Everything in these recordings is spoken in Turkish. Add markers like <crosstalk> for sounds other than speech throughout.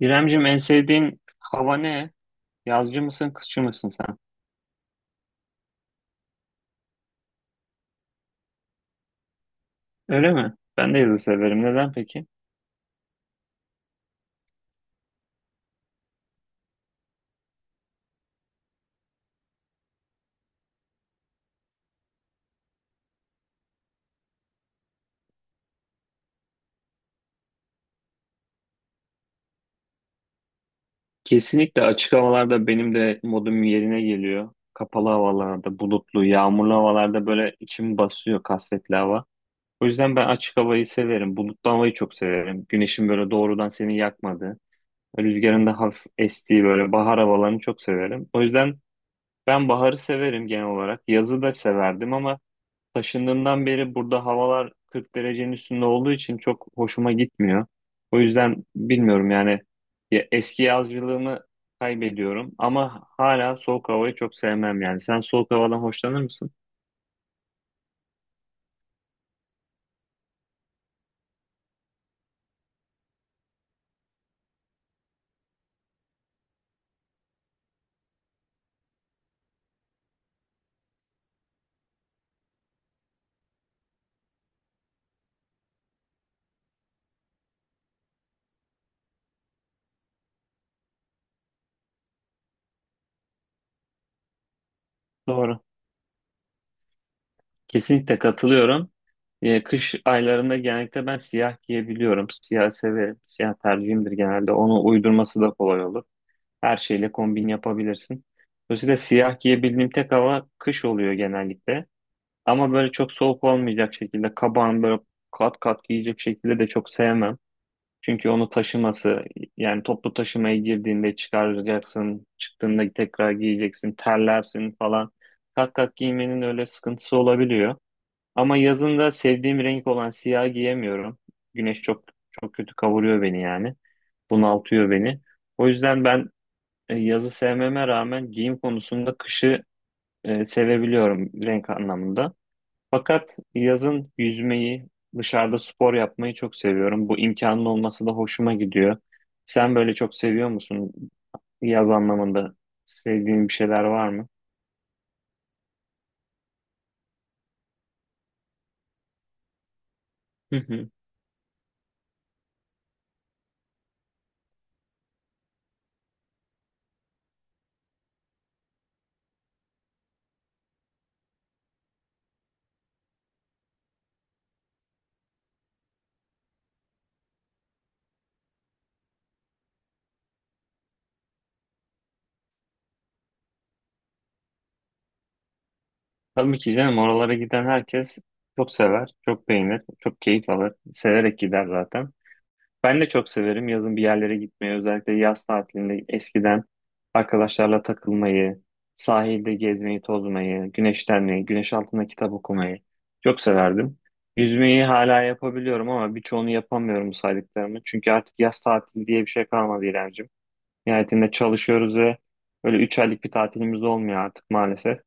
İremcim, en sevdiğin hava ne? Yazcı mısın, kışçı mısın sen? Öyle mi? Ben de yazı severim. Neden peki? Kesinlikle açık havalarda benim de modum yerine geliyor. Kapalı havalarda, bulutlu, yağmurlu havalarda böyle içim basıyor, kasvetli hava. O yüzden ben açık havayı severim. Bulutlu havayı çok severim. Güneşin böyle doğrudan seni yakmadığı, rüzgarın da hafif estiği böyle bahar havalarını çok severim. O yüzden ben baharı severim genel olarak. Yazı da severdim ama taşındığımdan beri burada havalar 40 derecenin üstünde olduğu için çok hoşuma gitmiyor. O yüzden bilmiyorum yani, ya eski yazcılığımı kaybediyorum ama hala soğuk havayı çok sevmem yani. Sen soğuk havadan hoşlanır mısın? Doğru. Kesinlikle katılıyorum. Ya, kış aylarında genellikle ben siyah giyebiliyorum. Siyah severim. Siyah tercihimdir genelde. Onu uydurması da kolay olur. Her şeyle kombin yapabilirsin. Dolayısıyla siyah giyebildiğim tek hava kış oluyor genellikle. Ama böyle çok soğuk olmayacak şekilde kabağını böyle kat kat giyecek şekilde de çok sevmem. Çünkü onu taşıması, yani toplu taşımaya girdiğinde çıkaracaksın, çıktığında tekrar giyeceksin, terlersin falan. Kat kat giymenin öyle sıkıntısı olabiliyor. Ama yazın da sevdiğim renk olan siyah giyemiyorum. Güneş çok çok kötü kavuruyor beni yani. Bunaltıyor beni. O yüzden ben yazı sevmeme rağmen giyim konusunda kışı sevebiliyorum renk anlamında. Fakat yazın yüzmeyi, dışarıda spor yapmayı çok seviyorum. Bu imkanın olması da hoşuma gidiyor. Sen böyle çok seviyor musun? Yaz anlamında sevdiğin bir şeyler var mı? Hı hı. Tabii ki canım, oralara giden herkes çok sever, çok beğenir, çok keyif alır. Severek gider zaten. Ben de çok severim yazın bir yerlere gitmeyi. Özellikle yaz tatilinde eskiden arkadaşlarla takılmayı, sahilde gezmeyi, tozmayı, güneşlenmeyi, güneş altında kitap okumayı çok severdim. Yüzmeyi hala yapabiliyorum ama birçoğunu yapamıyorum saydıklarımı. Çünkü artık yaz tatili diye bir şey kalmadı İremciğim. Nihayetinde çalışıyoruz ve böyle 3 aylık bir tatilimiz olmuyor artık maalesef.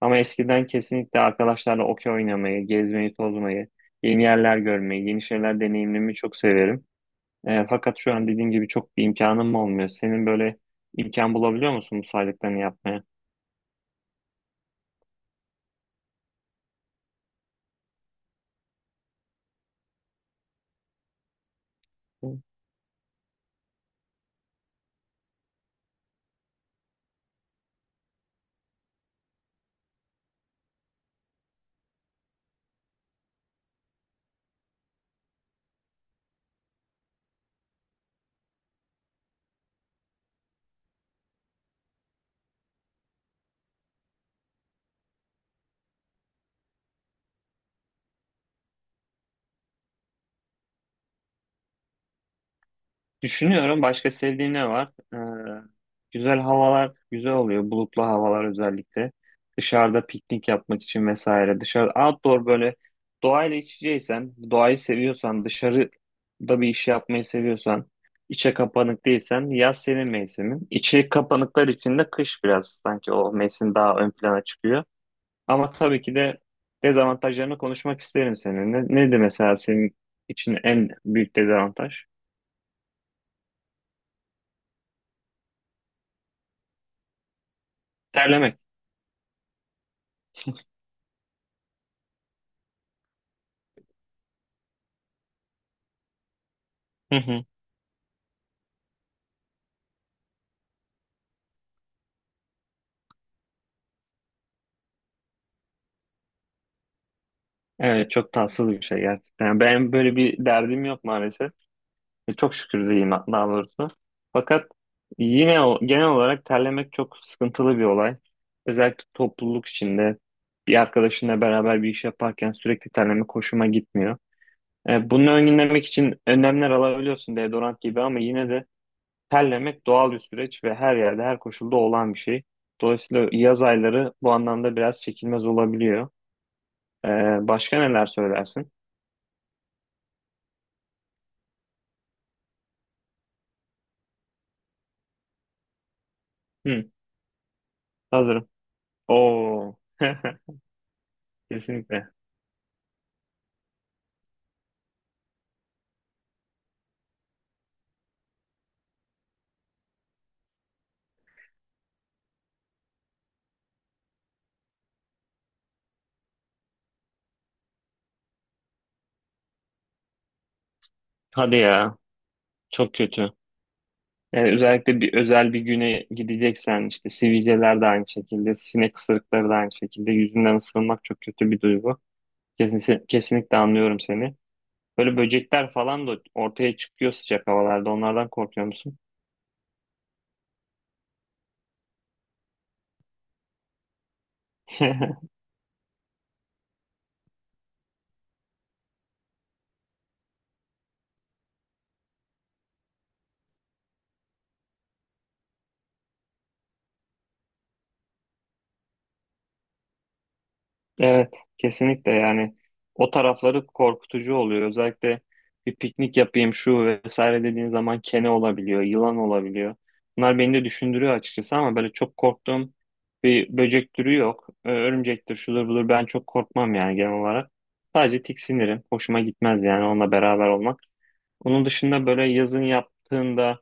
Ama eskiden kesinlikle arkadaşlarla okey oynamayı, gezmeyi, tozmayı, yeni yerler görmeyi, yeni şeyler deneyimlemeyi çok severim. Fakat şu an dediğin gibi çok bir imkanım olmuyor. Senin böyle imkan bulabiliyor musun bu saydıklarını yapmaya? Düşünüyorum, başka sevdiğin ne var? E, Güzel havalar güzel oluyor. Bulutlu havalar özellikle. Dışarıda piknik yapmak için vesaire. Dışarı outdoor, böyle doğayla iç içeysen, doğayı seviyorsan, dışarıda bir iş yapmayı seviyorsan, içe kapanık değilsen yaz senin mevsimin. İçe kapanıklar için de kış biraz sanki o mevsim daha ön plana çıkıyor. Ama tabii ki de dezavantajlarını konuşmak isterim seninle. Neydi mesela senin için en büyük dezavantaj? Terlemek. Hı hı. Evet, çok tatsız bir şey gerçekten. Yani ben böyle bir derdim yok maalesef. Çok şükür diyeyim daha doğrusu. Fakat genel olarak terlemek çok sıkıntılı bir olay. Özellikle topluluk içinde bir arkadaşınla beraber bir iş yaparken sürekli terlemek hoşuma gitmiyor. Bunu önlemek için önlemler alabiliyorsun, deodorant gibi, ama yine de terlemek doğal bir süreç ve her yerde, her koşulda olan bir şey. Dolayısıyla yaz ayları bu anlamda biraz çekilmez olabiliyor. Ee, Başka neler söylersin? Hı, hazırım. Oo, <laughs> kesinlikle. Hadi ya, çok kötü. Yani özellikle bir özel bir güne gideceksen işte, sivilceler de aynı şekilde, sinek ısırıkları da aynı şekilde, yüzünden ısırılmak çok kötü bir duygu. Kesinlikle anlıyorum seni. Böyle böcekler falan da ortaya çıkıyor sıcak havalarda. Onlardan korkuyor musun? <laughs> Evet, kesinlikle yani o tarafları korkutucu oluyor. Özellikle bir piknik yapayım şu vesaire dediğin zaman, kene olabiliyor, yılan olabiliyor. Bunlar beni de düşündürüyor açıkçası ama böyle çok korktuğum bir böcek türü yok. Örümcektir, şudur budur, ben çok korkmam yani genel olarak. Sadece tiksinirim. Hoşuma gitmez yani onunla beraber olmak. Onun dışında böyle yazın yaptığında,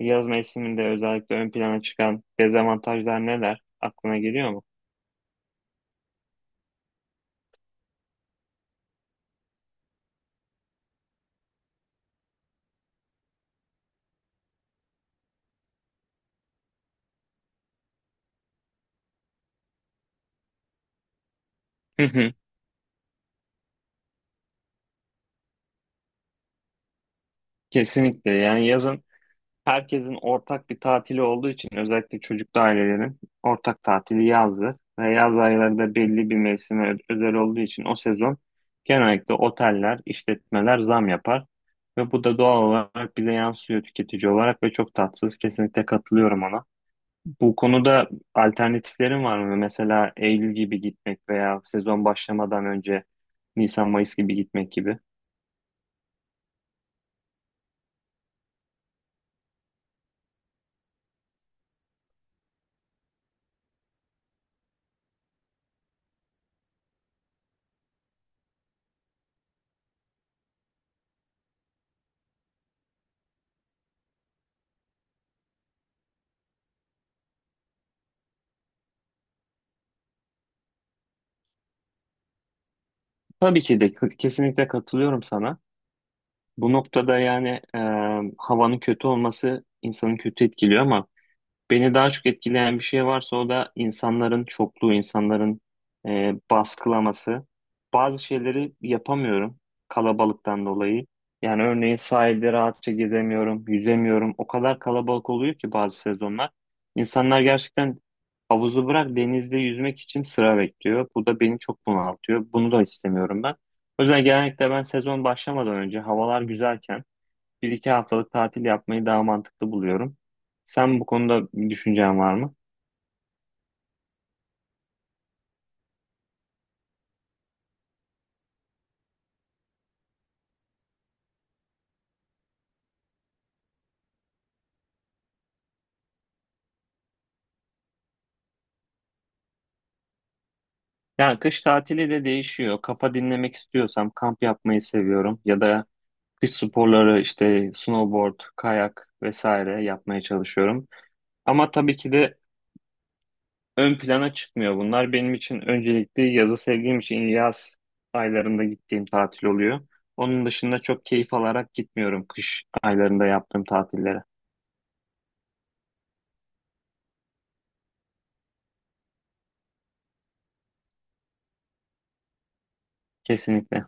yaz mevsiminde özellikle ön plana çıkan dezavantajlar neler? Aklına geliyor mu? Hı hı. Kesinlikle yani yazın, herkesin ortak bir tatili olduğu için, özellikle çocuklu ailelerin ortak tatili yazdır. Ve yaz aylarında belli bir mevsime özel olduğu için o sezon genellikle oteller, işletmeler zam yapar. Ve bu da doğal olarak bize yansıyor tüketici olarak ve çok tatsız. Kesinlikle katılıyorum ona. Bu konuda alternatiflerin var mı? Mesela Eylül gibi gitmek veya sezon başlamadan önce Nisan, Mayıs gibi gitmek gibi. Tabii ki de kesinlikle katılıyorum sana. Bu noktada yani e, havanın kötü olması insanı kötü etkiliyor ama beni daha çok etkileyen bir şey varsa o da insanların çokluğu, insanların baskılaması. Bazı şeyleri yapamıyorum kalabalıktan dolayı. Yani örneğin sahilde rahatça gezemiyorum, yüzemiyorum. O kadar kalabalık oluyor ki bazı sezonlar. İnsanlar gerçekten havuzu bırak, denizde yüzmek için sıra bekliyor. Bu da beni çok bunaltıyor. Bunu da istemiyorum ben. O yüzden genellikle ben sezon başlamadan önce, havalar güzelken, bir iki haftalık tatil yapmayı daha mantıklı buluyorum. Sen bu konuda bir düşüncen var mı? Yani kış tatili de değişiyor. Kafa dinlemek istiyorsam kamp yapmayı seviyorum ya da kış sporları, işte snowboard, kayak vesaire yapmaya çalışıyorum. Ama tabii ki de ön plana çıkmıyor bunlar. Benim için öncelikli yazı sevdiğim için yaz aylarında gittiğim tatil oluyor. Onun dışında çok keyif alarak gitmiyorum kış aylarında yaptığım tatillere. Kesinlikle.